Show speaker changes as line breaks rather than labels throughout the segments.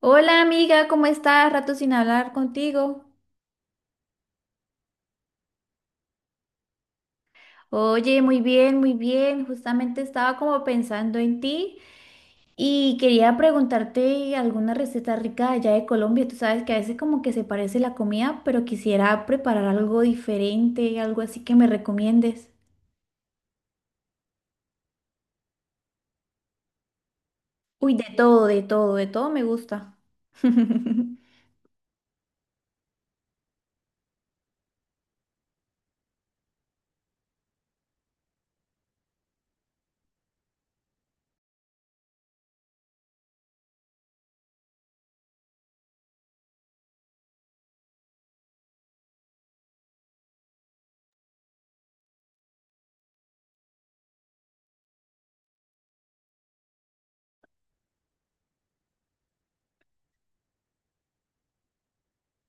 Hola amiga, ¿cómo estás? Rato sin hablar contigo. Oye, muy bien, muy bien. Justamente estaba como pensando en ti y quería preguntarte alguna receta rica de allá de Colombia. Tú sabes que a veces como que se parece la comida, pero quisiera preparar algo diferente, algo así que me recomiendes. Uy, de todo, de todo, de todo me gusta.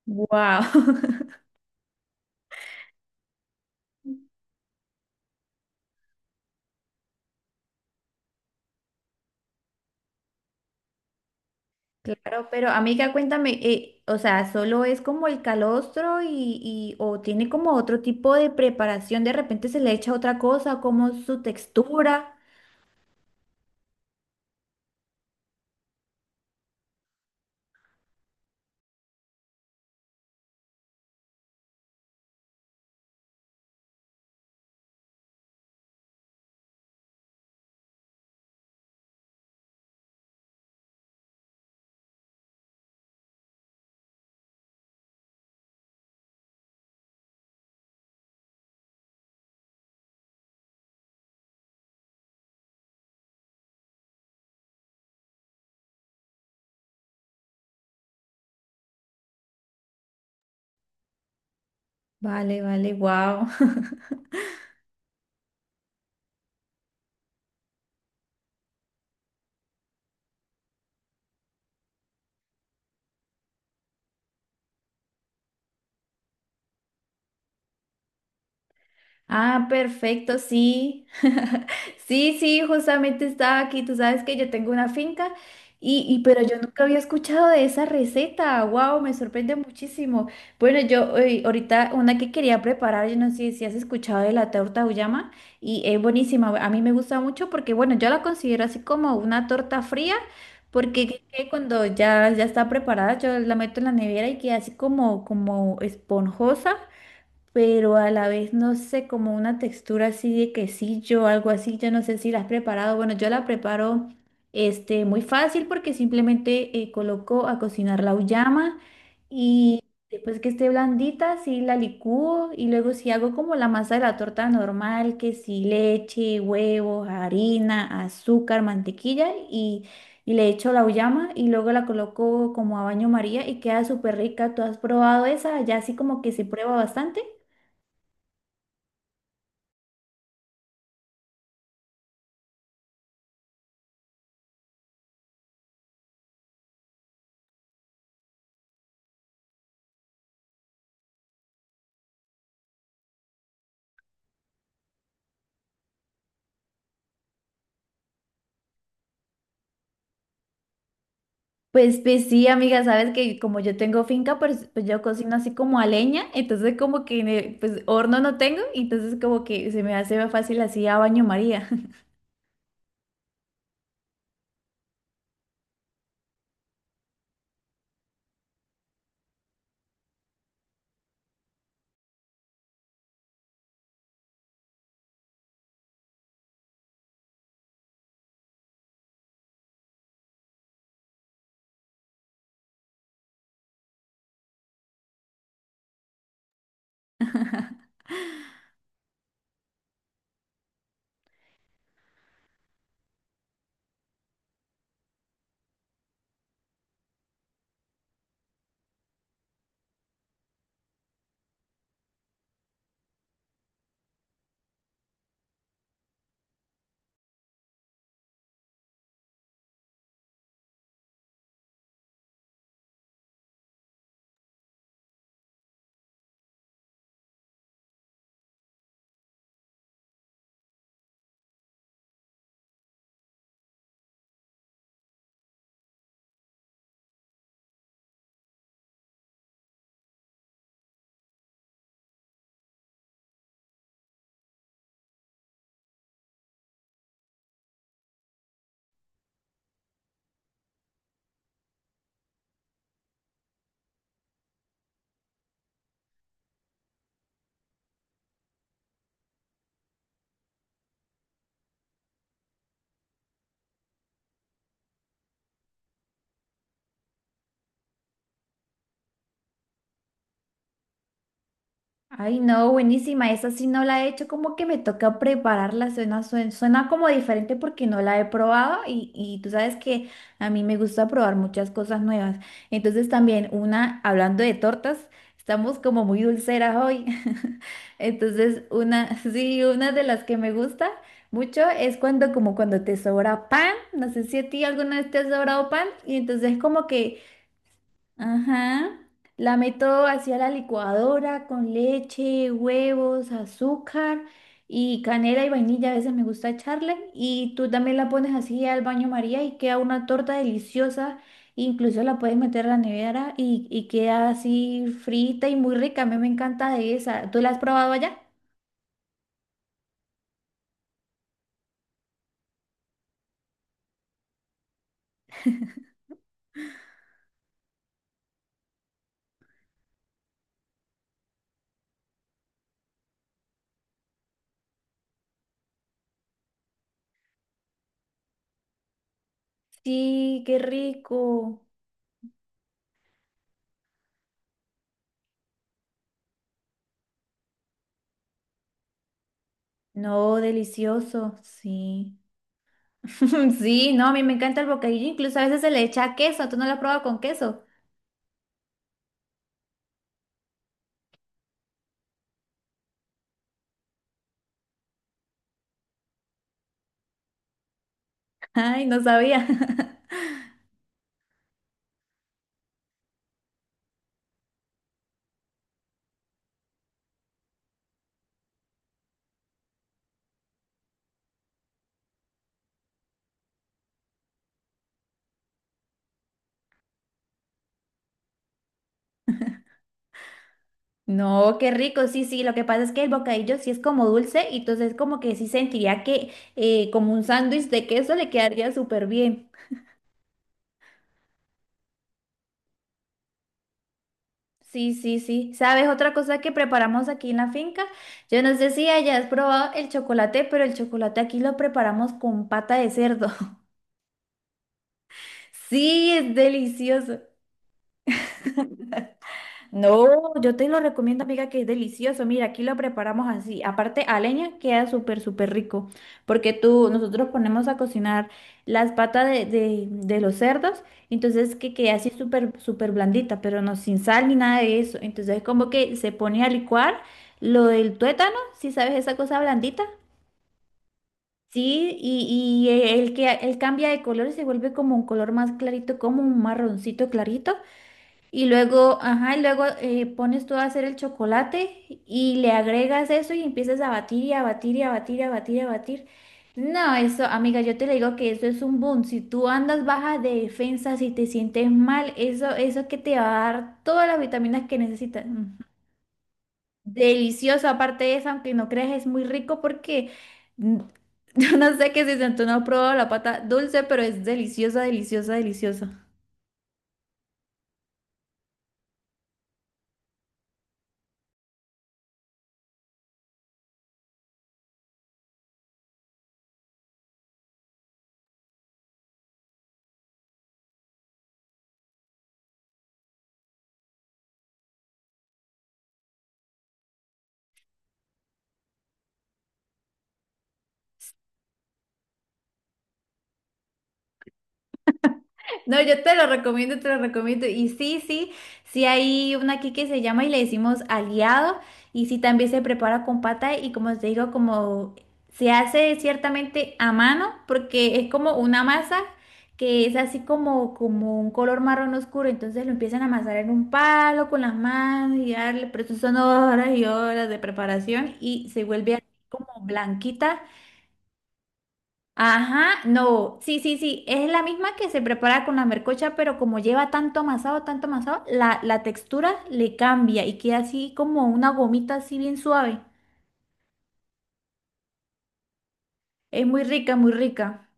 Wow. Claro, pero amiga, cuéntame, o sea, ¿solo es como el calostro o tiene como otro tipo de preparación? De repente se le echa otra cosa, como su textura. Vale, vale, wow. Ah, perfecto, sí. Sí, sí, justamente estaba aquí. Tú sabes que yo tengo una finca y pero yo nunca había escuchado de esa receta. Wow, me sorprende muchísimo. Bueno, yo ahorita una que quería preparar, yo no sé si has escuchado de la torta auyama y es buenísima. A mí me gusta mucho porque, bueno, yo la considero así como una torta fría. Porque que cuando ya, ya está preparada, yo la meto en la nevera y queda así como, como esponjosa, pero a la vez no sé, como una textura así de quesillo, algo así, yo no sé si la has preparado. Bueno, yo la preparo este, muy fácil porque simplemente coloco a cocinar la uyama y después que esté blandita, sí la licúo y luego si hago como la masa de la torta normal, que sí leche, huevos, harina, azúcar, mantequilla y… Y le echo la uyama y luego la coloco como a baño María y queda súper rica. ¿Tú has probado esa? Ya así como que se prueba bastante. Pues, pues sí, amiga, sabes que como yo tengo finca, pues, pues yo cocino así como a leña, entonces como que pues horno no tengo, entonces como que se me hace más fácil así a baño María. Ay, no, buenísima. Esa sí no la he hecho, como que me toca prepararla. Suena, suena, suena como diferente porque no la he probado y tú sabes que a mí me gusta probar muchas cosas nuevas. Entonces también una, hablando de tortas, estamos como muy dulceras hoy. Entonces una, sí, una de las que me gusta mucho es cuando como cuando te sobra pan. No sé si a ti alguna vez te ha sobrado pan y entonces como que… Ajá. La meto hacia la licuadora con leche, huevos, azúcar y canela y vainilla. A veces me gusta echarle. Y tú también la pones así al baño María y queda una torta deliciosa. Incluso la puedes meter a la nevera y queda así frita y muy rica. A mí me encanta de esa. ¿Tú la has probado allá? Sí, qué rico. No, delicioso, sí. Sí, no, a mí me encanta el bocadillo, incluso a veces se le echa queso, ¿tú no lo has probado con queso? Ay, no sabía. No, qué rico, sí, sí. Lo que pasa es que el bocadillo sí es como dulce y entonces como que sí sentiría que como un sándwich de queso le quedaría súper bien. Sí, sí, sí. ¿Sabes otra cosa que preparamos aquí en la finca? Yo no sé si hayas probado el chocolate, pero el chocolate aquí lo preparamos con pata de cerdo. Sí, es delicioso. No, yo te lo recomiendo, amiga, que es delicioso. Mira, aquí lo preparamos así. Aparte, a leña queda súper, súper rico. Porque tú, nosotros ponemos a cocinar las patas de los cerdos, entonces que queda así súper, súper blandita, pero no sin sal ni nada de eso. Entonces, como que se pone a licuar lo del tuétano, si sabes esa cosa blandita. Sí, y el que, él cambia de color y se vuelve como un color más clarito, como un marroncito clarito. Y luego, ajá, y luego pones tú a hacer el chocolate y le agregas eso y empiezas a batir y a batir y a batir y a batir y a batir. No, eso, amiga, yo te le digo que eso es un boom. Si tú andas baja de defensa, si te sientes mal, eso que te va a dar todas las vitaminas que necesitas. Delicioso, aparte de eso, aunque no creas, es muy rico porque mm, yo no sé qué si tú no has probado la pata dulce, pero es deliciosa, deliciosa, deliciosa. No, yo te lo recomiendo, te lo recomiendo. Y sí, sí, sí hay una aquí que se llama y le decimos aliado. Y sí también se prepara con pata y como te digo, como se hace ciertamente a mano porque es como una masa que es así como, como un color marrón oscuro. Entonces lo empiezan a amasar en un palo con las manos y darle, pero eso son horas y horas de preparación y se vuelve así como blanquita. Ajá, no, sí, sí, sí, es la misma que se prepara con la mercocha, pero como lleva tanto amasado, la textura le cambia y queda así como una gomita así bien suave. Es muy rica, muy rica.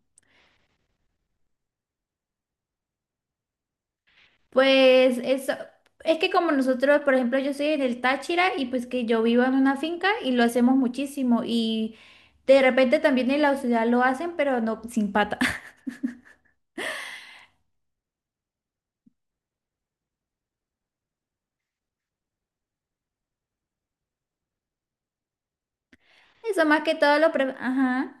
Pues eso, es que como nosotros, por ejemplo, yo soy en el Táchira y pues que yo vivo en una finca y lo hacemos muchísimo y de repente también en la ciudad lo hacen, pero no sin pata. Eso más que todo lo pre… Ajá.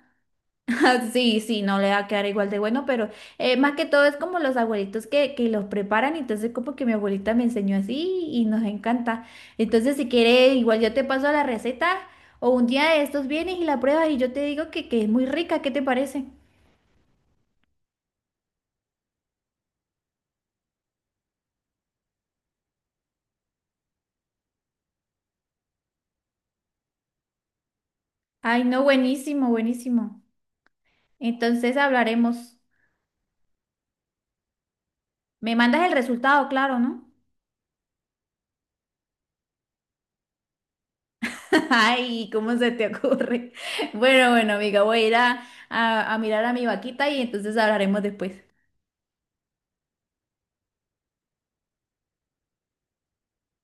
Ah, sí, sí, no le va a quedar igual de bueno, pero más que todo es como los abuelitos que los preparan, entonces como que mi abuelita me enseñó así y nos encanta. Entonces si quiere, igual yo te paso la receta o un día de estos vienes y la pruebas y yo te digo que es muy rica, ¿qué te parece? Ay, no, buenísimo, buenísimo. Entonces hablaremos. Me mandas el resultado, claro, ¿no? Ay, ¿cómo se te ocurre? Bueno, bueno, amiga, voy a ir a, a mirar a mi vaquita y entonces hablaremos después.